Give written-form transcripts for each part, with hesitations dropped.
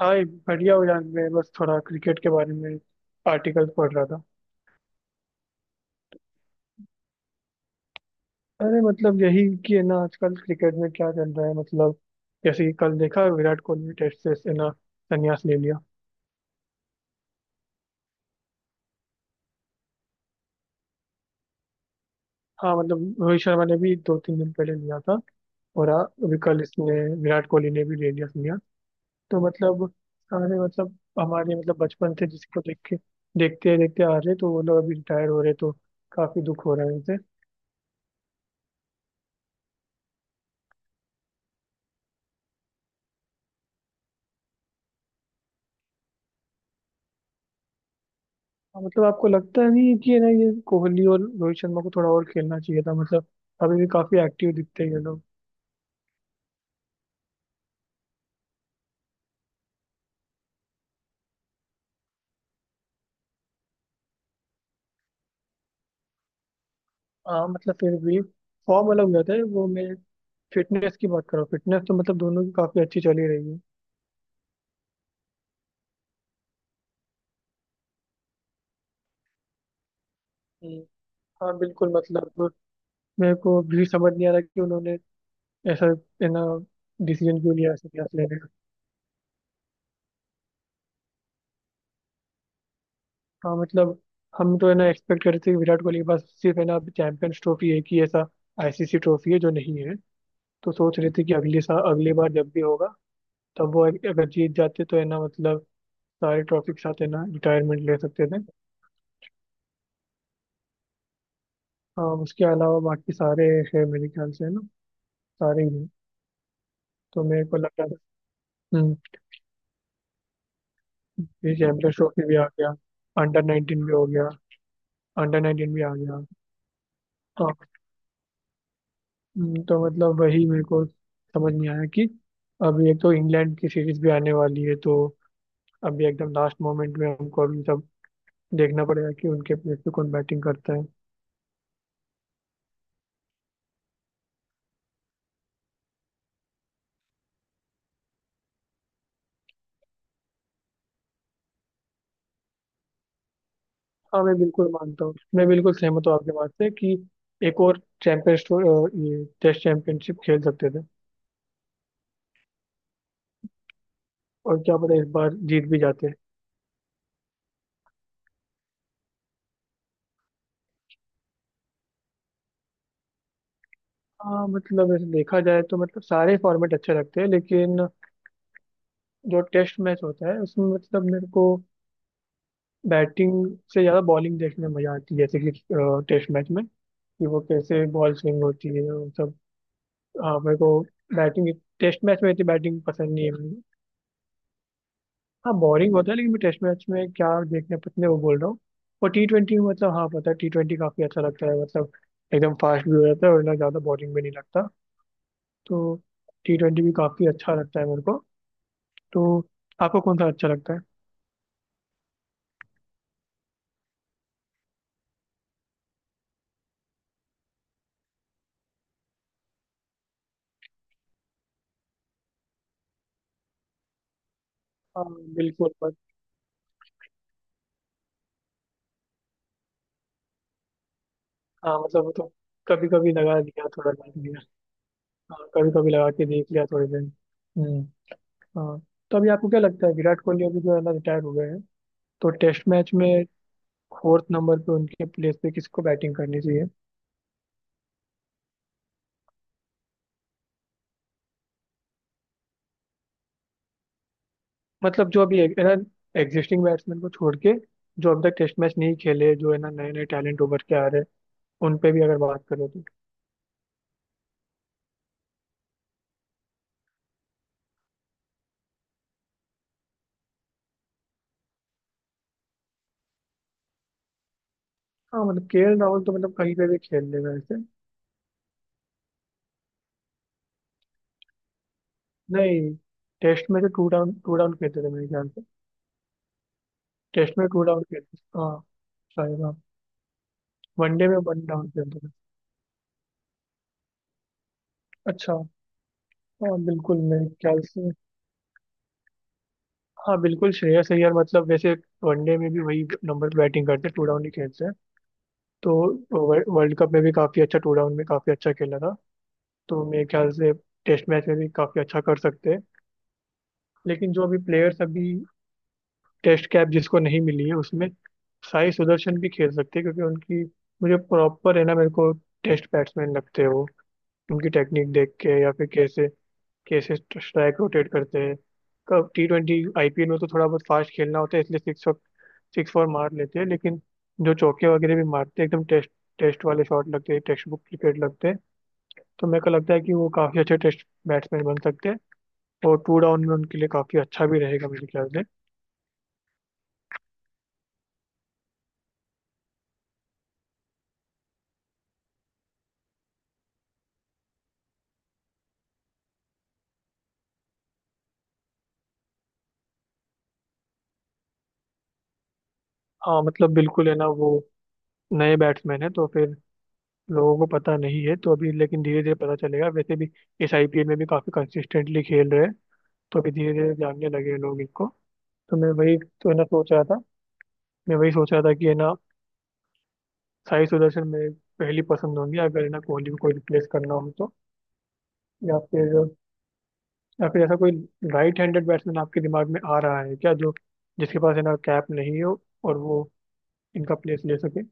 हाँ, एक बढ़िया हो जान। मैं बस थोड़ा क्रिकेट के बारे में आर्टिकल पढ़ रहा था। अरे, मतलब यही कि है ना आजकल क्रिकेट में क्या चल रहा है। मतलब जैसे कि कल देखा, विराट कोहली ने टेस्ट से है ना संन्यास ले लिया। हाँ, मतलब रोहित शर्मा ने भी दो तीन दिन पहले लिया था। और अभी कल इसने, विराट कोहली ने भी ले लिया संन्यास। तो मतलब सारे, मतलब हमारे, मतलब बचपन से जिसको देख के देखते देखते आ रहे, तो वो लोग अभी रिटायर हो रहे, तो काफी दुख हो रहा है उनसे। हाँ, मतलब आपको लगता नहीं है कि है ना ये कोहली और रोहित शर्मा को थोड़ा और खेलना चाहिए था। मतलब अभी भी काफी एक्टिव दिखते हैं ये लोग। हाँ, मतलब फिर भी फॉर्म अलग हो जाता है। वो मैं फिटनेस की बात कर रहा हूँ। फिटनेस तो मतलब दोनों की काफी अच्छी चली रही है। हम्म, हाँ बिल्कुल। मतलब मेरे को भी समझ नहीं आ रहा कि उन्होंने ऐसा, है ना, डिसीजन क्यों लिया, ऐसे क्लास लेने का। हाँ, मतलब हम तो है ना एक्सपेक्ट करते थे कि विराट कोहली के पास सिर्फ है ना चैंपियंस ट्रॉफी है कि ऐसा आईसीसी ट्रॉफी है जो नहीं है। तो सोच रहे थे कि अगले साल अगली बार जब भी होगा, तब वो अगर जीत जाते तो है ना मतलब सारे ट्रॉफी के साथ है ना रिटायरमेंट ले सकते थे। उसके अलावा बाकी सारे है मेरे ख्याल से है ना सारे ही हैं। तो मेरे को लग रहा था। हम्म, ये चैंपियंस ट्रॉफी भी आ गया, अंडर 19 भी हो गया, अंडर 19 भी आ गया। हाँ, तो मतलब वही मेरे को समझ नहीं आया कि अभी एक तो इंग्लैंड की सीरीज भी आने वाली है। तो अभी एकदम लास्ट मोमेंट में हमको अभी सब देखना पड़ेगा कि उनके प्लेस पे कौन बैटिंग करता है। हाँ, मैं बिल्कुल मानता हूँ, मैं बिल्कुल सहमत हूँ आपकी बात से कि एक और चैंपियन ये टेस्ट चैंपियनशिप खेल सकते थे। और क्या पता इस बार जीत भी जाते। हाँ, मतलब ऐसे देखा जाए तो मतलब सारे फॉर्मेट अच्छे लगते हैं, लेकिन जो टेस्ट मैच होता है उसमें मतलब मेरे को बैटिंग से ज़्यादा बॉलिंग देखने में मजा आती है। जैसे कि टेस्ट मैच में, कि वो कैसे बॉल स्विंग होती है वो सब। हाँ, मेरे को बैटिंग, टेस्ट मैच में इतनी बैटिंग पसंद नहीं है। हाँ, बोरिंग होता है, लेकिन मैं टेस्ट मैच में क्या देखने पतने वो बोल रहा हूँ। और टी ट्वेंटी, मतलब हाँ, पता है, टी ट्वेंटी काफ़ी अच्छा लगता है। मतलब एकदम फास्ट भी हो जाता है और ना ज़्यादा बोरिंग भी नहीं लगता। तो टी ट्वेंटी भी काफ़ी अच्छा लगता है मेरे को। तो आपको कौन सा अच्छा लगता है? हाँ, बिल्कुल, बस। हाँ, मतलब वो तो कभी कभी लगा दिया, थोड़ा देख लिया। हाँ, कभी कभी लगा के देख लिया थोड़ी देर। हम्म, हाँ। तो अभी आपको क्या लगता है, विराट कोहली अभी जो है ना रिटायर हो गए हैं, तो टेस्ट मैच में फोर्थ नंबर पे उनके प्लेस पे किसको बैटिंग करनी चाहिए? मतलब जो अभी है ना एग्जिस्टिंग बैट्समैन को छोड़ के, जो अब तक टेस्ट मैच नहीं खेले, जो है ना नए नए टैलेंट उभर के आ रहे हैं, उन पे भी अगर बात करो तो। हाँ, मतलब केएल राहुल तो मतलब कहीं पे भी खेल लेगा ऐसे। नहीं, टेस्ट में तो टू डाउन खेलते थे मेरे ख्याल से। टेस्ट में टू डाउन खेलते थे हाँ, शायद हाँ। वनडे में वन डाउन खेलते थे। अच्छा, हाँ बिल्कुल मेरे ख्याल से। हाँ बिल्कुल, श्रेयस अय्यर। मतलब वैसे वनडे में भी वही नंबर बैटिंग करते हैं, टू डाउन ही खेलते हैं। तो वर्ल्ड कप में भी काफी अच्छा, टू डाउन में काफी अच्छा खेला था। तो मेरे ख्याल से टेस्ट मैच में भी काफ़ी अच्छा कर सकते हैं। लेकिन जो अभी प्लेयर्स अभी टेस्ट कैप जिसको नहीं मिली है उसमें, साई सुदर्शन भी खेल सकते हैं क्योंकि उनकी, मुझे प्रॉपर है ना, मेरे को टेस्ट बैट्समैन लगते हैं वो। उनकी टेक्निक देख के, या फिर कैसे कैसे स्ट्राइक रोटेट करते हैं। कब टी ट्वेंटी आईपीएल में तो थोड़ा बहुत फास्ट खेलना होता है, इसलिए सिक्स सिक्स फोर मार लेते हैं, लेकिन जो चौके वगैरह भी मारते हैं एकदम टेस्ट टेस्ट वाले शॉट लगते हैं, टेक्स्ट बुक क्रिकेट लगते हैं। तो मेरे को लगता है कि वो काफ़ी अच्छे टेस्ट बैट्समैन बन सकते हैं। और टू डाउन में उनके लिए काफी अच्छा भी रहेगा मेरे ख्याल से। हाँ, मतलब बिल्कुल है ना, वो नए बैट्समैन है तो फिर लोगों को पता नहीं है तो अभी। लेकिन धीरे धीरे पता चलेगा, वैसे भी इस आईपीएल में भी काफी कंसिस्टेंटली खेल रहे हैं, तो अभी धीरे धीरे जानने लगे हैं लोग इनको। तो मैं वही तो है ना सोच रहा था। मैं वही सोच रहा था कि है ना, साई सुदर्शन मेरी पहली पसंद होंगी अगर है ना कोहली को कोई रिप्लेस करना हो तो। या फिर या फिर ऐसा कोई राइट हैंडेड बैट्समैन आपके दिमाग में आ रहा है क्या, जो जिसके पास है ना कैप नहीं हो और वो इनका प्लेस ले सके?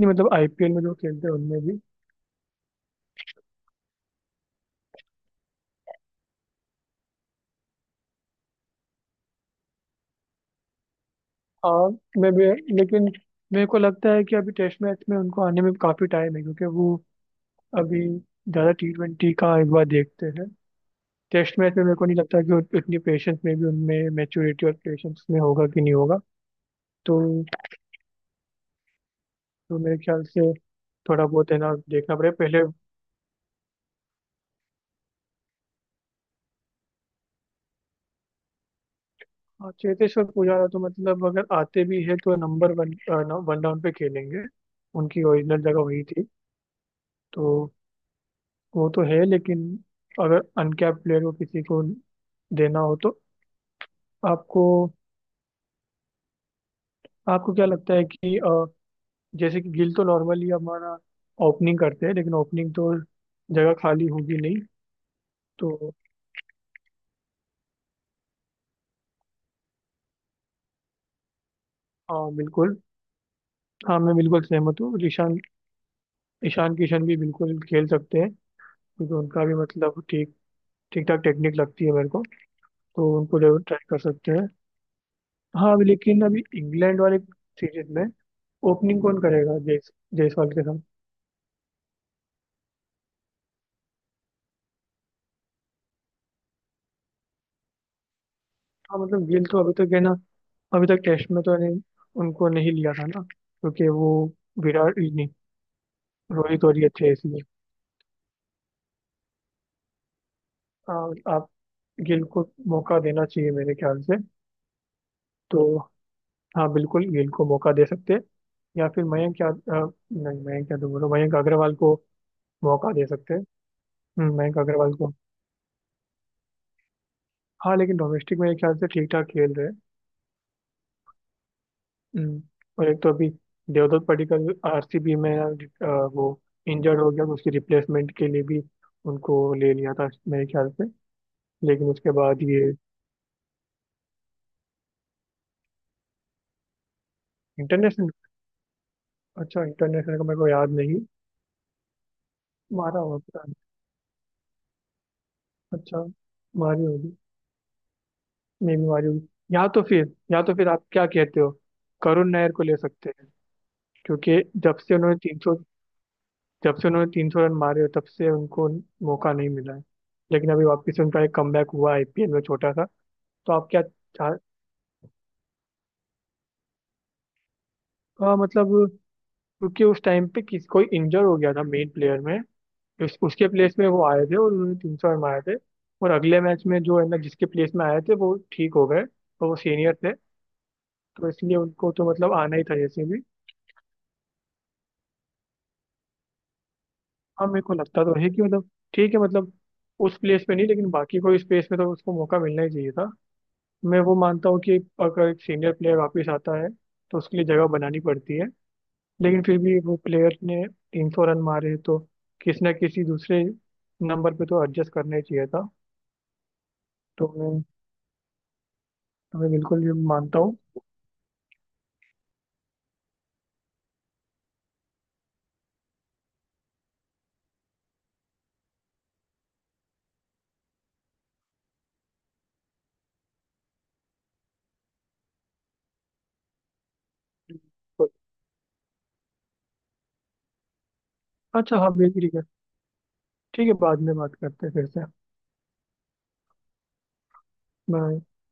नहीं मतलब आईपीएल में जो खेलते हैं उनमें भी। हाँ, मैं भी, लेकिन मेरे को लगता है कि अभी टेस्ट मैच में उनको आने में काफ़ी टाइम है, क्योंकि वो अभी ज़्यादा टी ट्वेंटी का एक बार देखते हैं। टेस्ट मैच में मेरे को नहीं लगता कि उतनी पेशेंस में भी, उनमें मैच्योरिटी और पेशेंस में होगा कि नहीं होगा। तो तो मेरे ख्याल से थोड़ा बहुत है ना देखना पड़ेगा पहले। हाँ, चेतेश्वर पुजारा तो मतलब अगर आते भी है तो नंबर वन, वन डाउन पे खेलेंगे। उनकी ओरिजिनल जगह वही थी। तो वो तो है, लेकिन अगर अनकैप्ड प्लेयर को किसी को देना हो तो, आपको आपको क्या लगता है कि जैसे कि गिल तो नॉर्मली हमारा ओपनिंग करते हैं, लेकिन ओपनिंग तो जगह खाली होगी नहीं। तो हाँ, बिल्कुल। हाँ, मैं बिल्कुल सहमत हूँ, ईशान ईशान किशन भी बिल्कुल खेल सकते हैं, क्योंकि उनका भी मतलब ठीक ठीक ठाक टेक्निक लगती है मेरे को। तो उनको जरूर ट्राई कर सकते हैं। हाँ, लेकिन अभी इंग्लैंड वाले सीरीज में ओपनिंग कौन करेगा, जयस जायसवाल के साथ? हाँ, मतलब गिल तो अभी तक है ना, अभी तक टेस्ट में तो नहीं, उनको नहीं लिया था ना, क्योंकि वो विराट ही नहीं, रोहित और ये थे इसलिए। आ, आप, गिल को मौका देना चाहिए मेरे ख्याल से। तो हाँ, बिल्कुल गिल को मौका दे सकते हैं। या फिर मयंक, या नहीं मयंक क्या तो बोलो, मयंक अग्रवाल को मौका दे सकते हैं। मयंक अग्रवाल को। हाँ, लेकिन डोमेस्टिक में मेरे ख्याल से ठीक ठाक खेल रहे हैं। हम्म, और एक तो अभी देवदत्त पडिक्कल आरसीबी में, वो इंजर्ड हो गया तो उसकी रिप्लेसमेंट के लिए भी उनको ले लिया था मेरे ख्याल से। लेकिन उसके बाद ये। इंटरनेशनल, अच्छा इंटरनेशनल का मेरे को याद नहीं। मारा होगा, पता नहीं। अच्छा, मारी होगी। मे भी मारी होगी। या तो फिर, या तो फिर आप क्या कहते हो, करुण नायर को ले सकते हैं। क्योंकि जब से उन्होंने 300 रन मारे हो, तब से उनको मौका नहीं मिला है। लेकिन अभी वापस से उनका एक कमबैक हुआ आईपीएल में, छोटा सा। तो आप क्या चाह हाँ, मतलब क्योंकि उस टाइम पे किस कोई इंजर हो गया था मेन प्लेयर में। उसके प्लेस में वो आए थे और उन्होंने 300 रन मारे थे। और अगले मैच में जो है ना जिसके प्लेस में आए थे वो ठीक हो गए और वो सीनियर थे। तो इसलिए उनको तो मतलब आना ही था जैसे भी। हाँ, मेरे को लगता तो है कि मतलब ठीक है, मतलब उस प्लेस पे नहीं, लेकिन बाकी कोई स्पेस में तो उसको मौका मिलना ही चाहिए था। मैं वो मानता हूँ कि अगर एक सीनियर प्लेयर वापस आता है तो उसके लिए जगह बनानी पड़ती है, लेकिन फिर भी वो प्लेयर ने 300 रन मारे तो किसी ना किसी दूसरे नंबर पे तो एडजस्ट करना ही चाहिए था। तो मैं तो मैं बिल्कुल ये मानता हूँ। अच्छा हाँ, बिल्कुल ठीक है। ठीक है, बाद में बात करते हैं फिर से। बाय।